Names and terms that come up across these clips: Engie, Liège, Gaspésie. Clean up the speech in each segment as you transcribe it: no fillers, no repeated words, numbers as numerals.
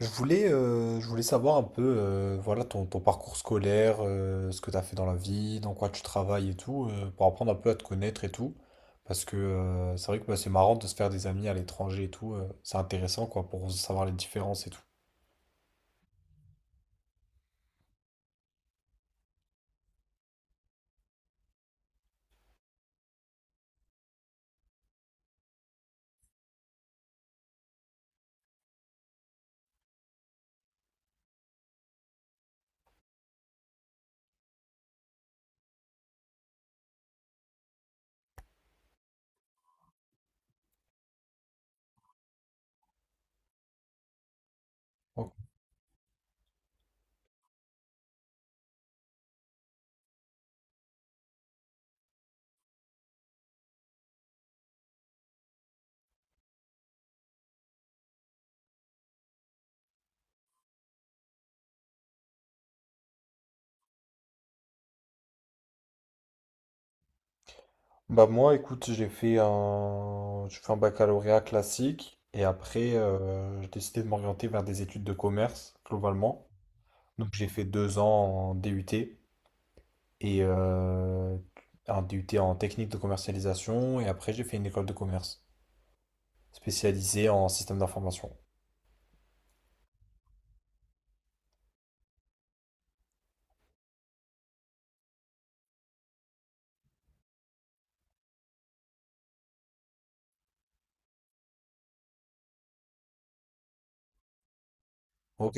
Je voulais savoir un peu voilà, ton parcours scolaire, ce que tu as fait dans la vie, dans quoi tu travailles et tout, pour apprendre un peu à te connaître et tout. Parce que c'est vrai que bah, c'est marrant de se faire des amis à l'étranger et tout. C'est intéressant quoi, pour savoir les différences et tout. Ok. Bah moi, écoute, j'ai fait un baccalauréat classique et après, j'ai décidé de m'orienter vers des études de commerce, globalement. Donc j'ai fait 2 ans en DUT et un DUT en technique de commercialisation. Et après, j'ai fait une école de commerce spécialisée en système d'information. Ok.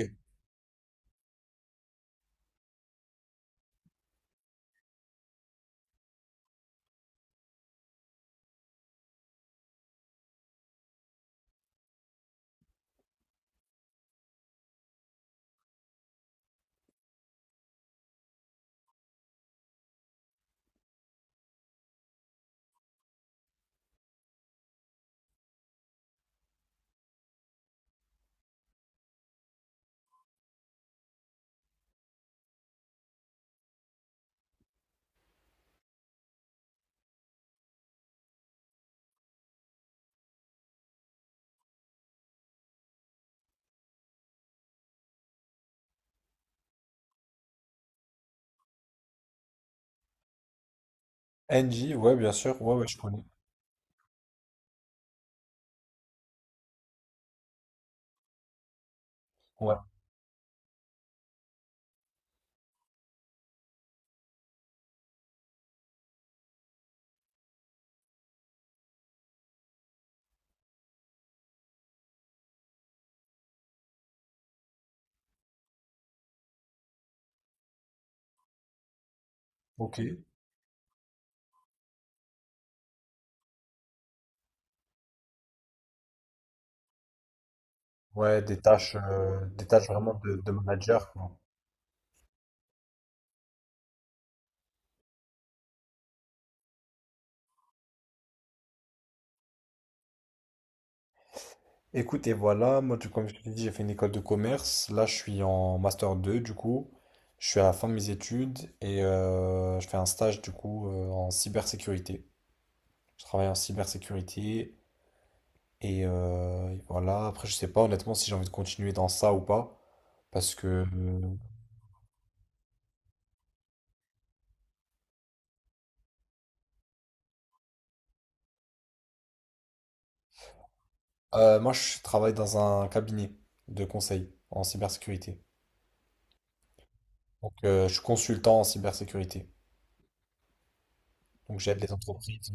NJ, ouais, bien sûr. Ouais, ouais, je connais. Ouais, ok. Ouais, des tâches vraiment de manager, quoi. Écoute, et voilà, moi, comme je te dis, j'ai fait une école de commerce. Là, je suis en master 2 du coup. Je suis à la fin de mes études et je fais un stage, du coup, en cybersécurité. Je travaille en cybersécurité. Et, voilà, après je sais pas honnêtement si j'ai envie de continuer dans ça ou pas, parce que moi je travaille dans un cabinet de conseil en cybersécurité. Donc je suis consultant en cybersécurité. Donc j'aide les entreprises.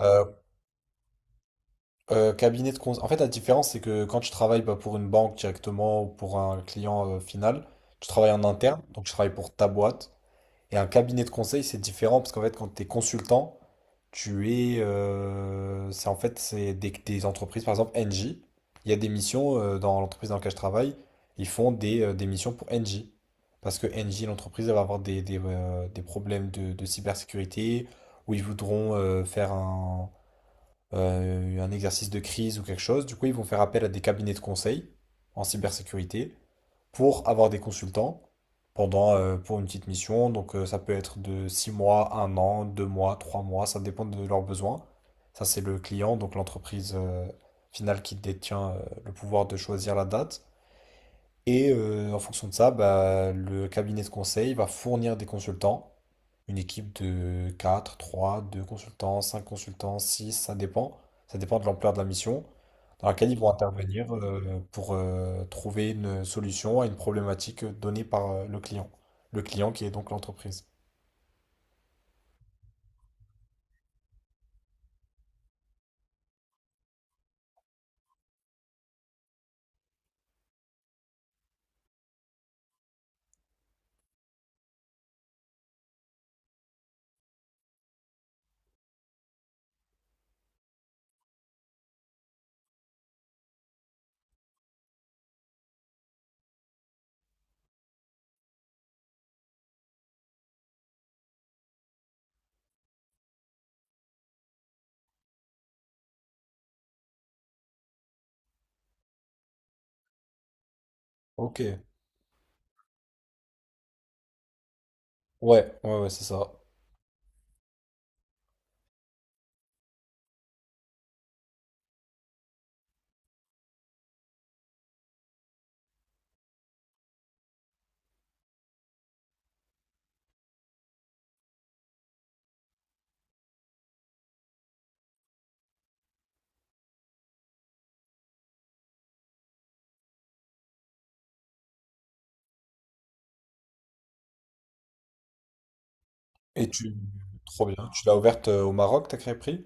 Euh, Cabinet de conseil. En fait la différence c'est que quand tu travailles bah, pour une banque directement ou pour un client final, tu travailles en interne, donc tu travailles pour ta boîte. Et un cabinet de conseil, c'est différent parce qu'en fait, quand tu es consultant, tu es. C'est en fait, c'est des entreprises, par exemple, Engie. Il y a des missions dans l'entreprise dans laquelle je travaille, ils font des missions pour Engie. Parce que Engie, l'entreprise, elle va avoir des problèmes de cybersécurité où ils voudront faire un exercice de crise ou quelque chose. Du coup, ils vont faire appel à des cabinets de conseil en cybersécurité pour avoir des consultants pour une petite mission. Donc, ça peut être de 6 mois, un an, 2 mois, 3 mois, ça dépend de leurs besoins. Ça, c'est le client, donc l'entreprise finale qui détient le pouvoir de choisir la date. Et en fonction de ça, bah, le cabinet de conseil va fournir des consultants, une équipe de 4, 3, 2 consultants, 5 consultants, 6, ça dépend. Ça dépend de l'ampleur de la mission, dans laquelle ils vont intervenir pour trouver une solution à une problématique donnée par le client. Le client qui est donc l'entreprise. Ok. Ouais, ouais, ouais, c'est ça. Et tu... Trop bien. Tu l'as ouverte au Maroc, ta crêperie?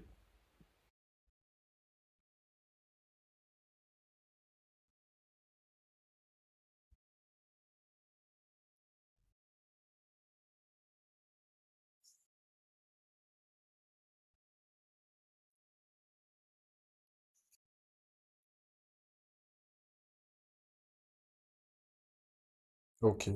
Ok.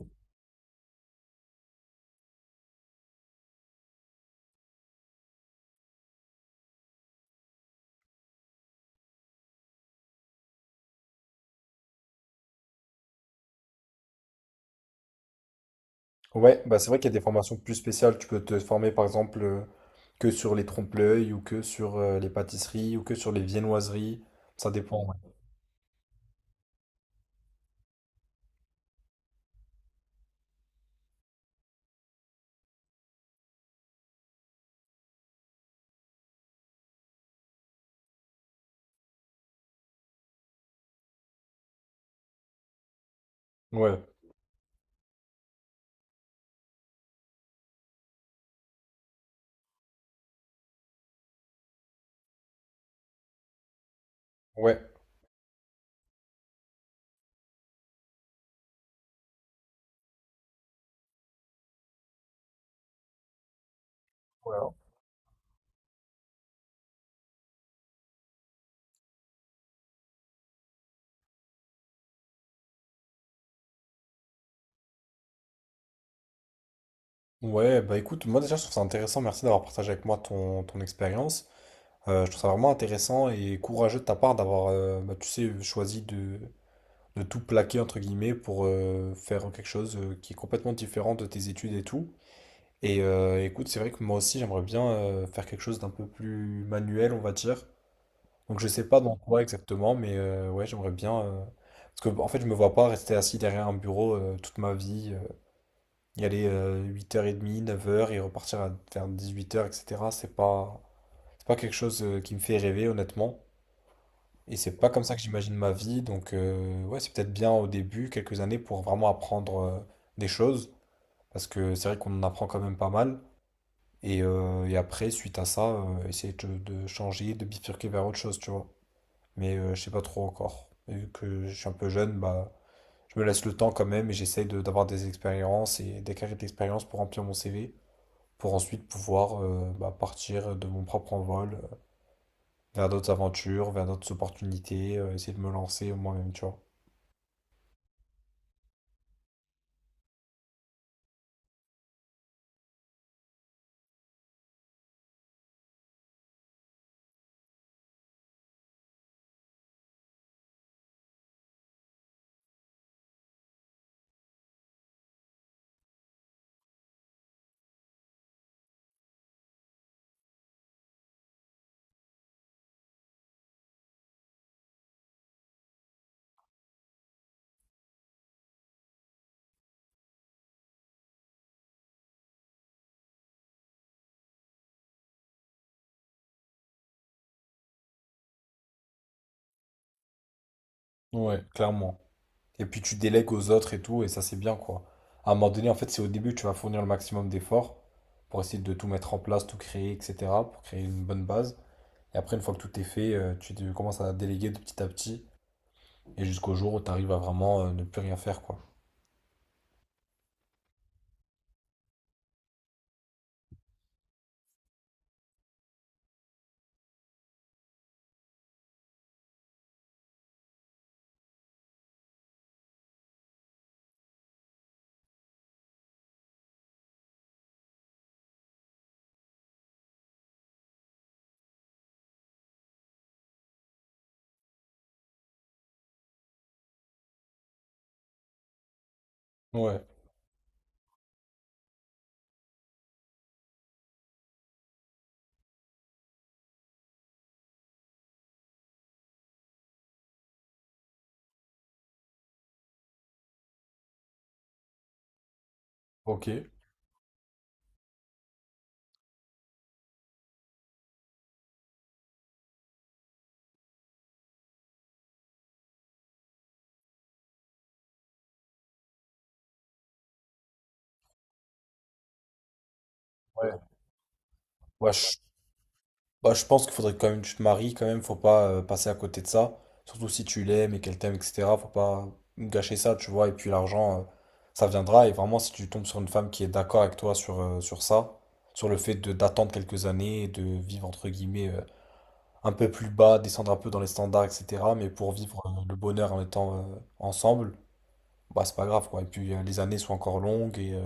Ouais, bah c'est vrai qu'il y a des formations plus spéciales. Tu peux te former par exemple que sur les trompe-l'œil ou que sur les pâtisseries ou que sur les viennoiseries. Ça dépend. Ouais, ouais, ouais. Ouais. Ouais, bah écoute, moi déjà je trouve ça intéressant. Merci d'avoir partagé avec moi ton expérience. Je trouve ça vraiment intéressant et courageux de ta part d'avoir, bah, tu sais, choisi de, tout plaquer entre guillemets pour faire quelque chose qui est complètement différent de tes études et tout. Et écoute, c'est vrai que moi aussi j'aimerais bien faire quelque chose d'un peu plus manuel, on va dire. Donc je sais pas dans quoi exactement, mais ouais, j'aimerais bien. Parce que en fait, je me vois pas rester assis derrière un bureau toute ma vie, y aller 8h30, 9 heures et repartir vers 18h, etc. C'est pas quelque chose qui me fait rêver, honnêtement. Et c'est pas comme ça que j'imagine ma vie. Donc ouais, c'est peut-être bien au début, quelques années, pour vraiment apprendre des choses. Parce que c'est vrai qu'on en apprend quand même pas mal. Et après, suite à ça, essayer de changer, de bifurquer vers autre chose, tu vois. Mais je sais pas trop encore. Et vu que je suis un peu jeune, bah, je me laisse le temps quand même et j'essaye d'avoir des expériences et d'acquérir de l'expérience pour remplir mon CV, pour ensuite pouvoir bah, partir de mon propre envol vers d'autres aventures, vers d'autres opportunités, essayer de me lancer moi-même, tu vois. Ouais. Clairement. Et puis tu délègues aux autres et tout, et ça c'est bien quoi. À un moment donné, en fait, c'est au début que tu vas fournir le maximum d'efforts pour essayer de tout mettre en place, tout créer, etc., pour créer une bonne base. Et après, une fois que tout est fait, commences à déléguer de petit à petit. Et jusqu'au jour où tu arrives à vraiment ne plus rien faire, quoi. Ouais, ok. Ouais. Ouais, bah, je pense qu'il faudrait quand même que tu te maries, quand même, faut pas passer à côté de ça. Surtout si tu l'aimes et qu'elle t'aime, etc. Faut pas gâcher ça, tu vois. Et puis l'argent, ça viendra. Et vraiment, si tu tombes sur une femme qui est d'accord avec toi sur ça, sur le fait de d'attendre quelques années, et de vivre entre guillemets un peu plus bas, descendre un peu dans les standards, etc. Mais pour vivre le bonheur en étant ensemble, bah, c'est pas grave, quoi. Et puis, les années sont encore longues et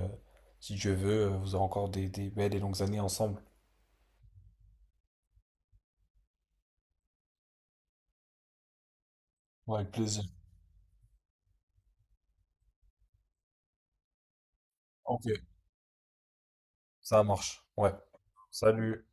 si Dieu veut, vous aurez encore des belles et longues années ensemble. Ouais, avec plaisir. Ok, ça marche. Ouais. Salut.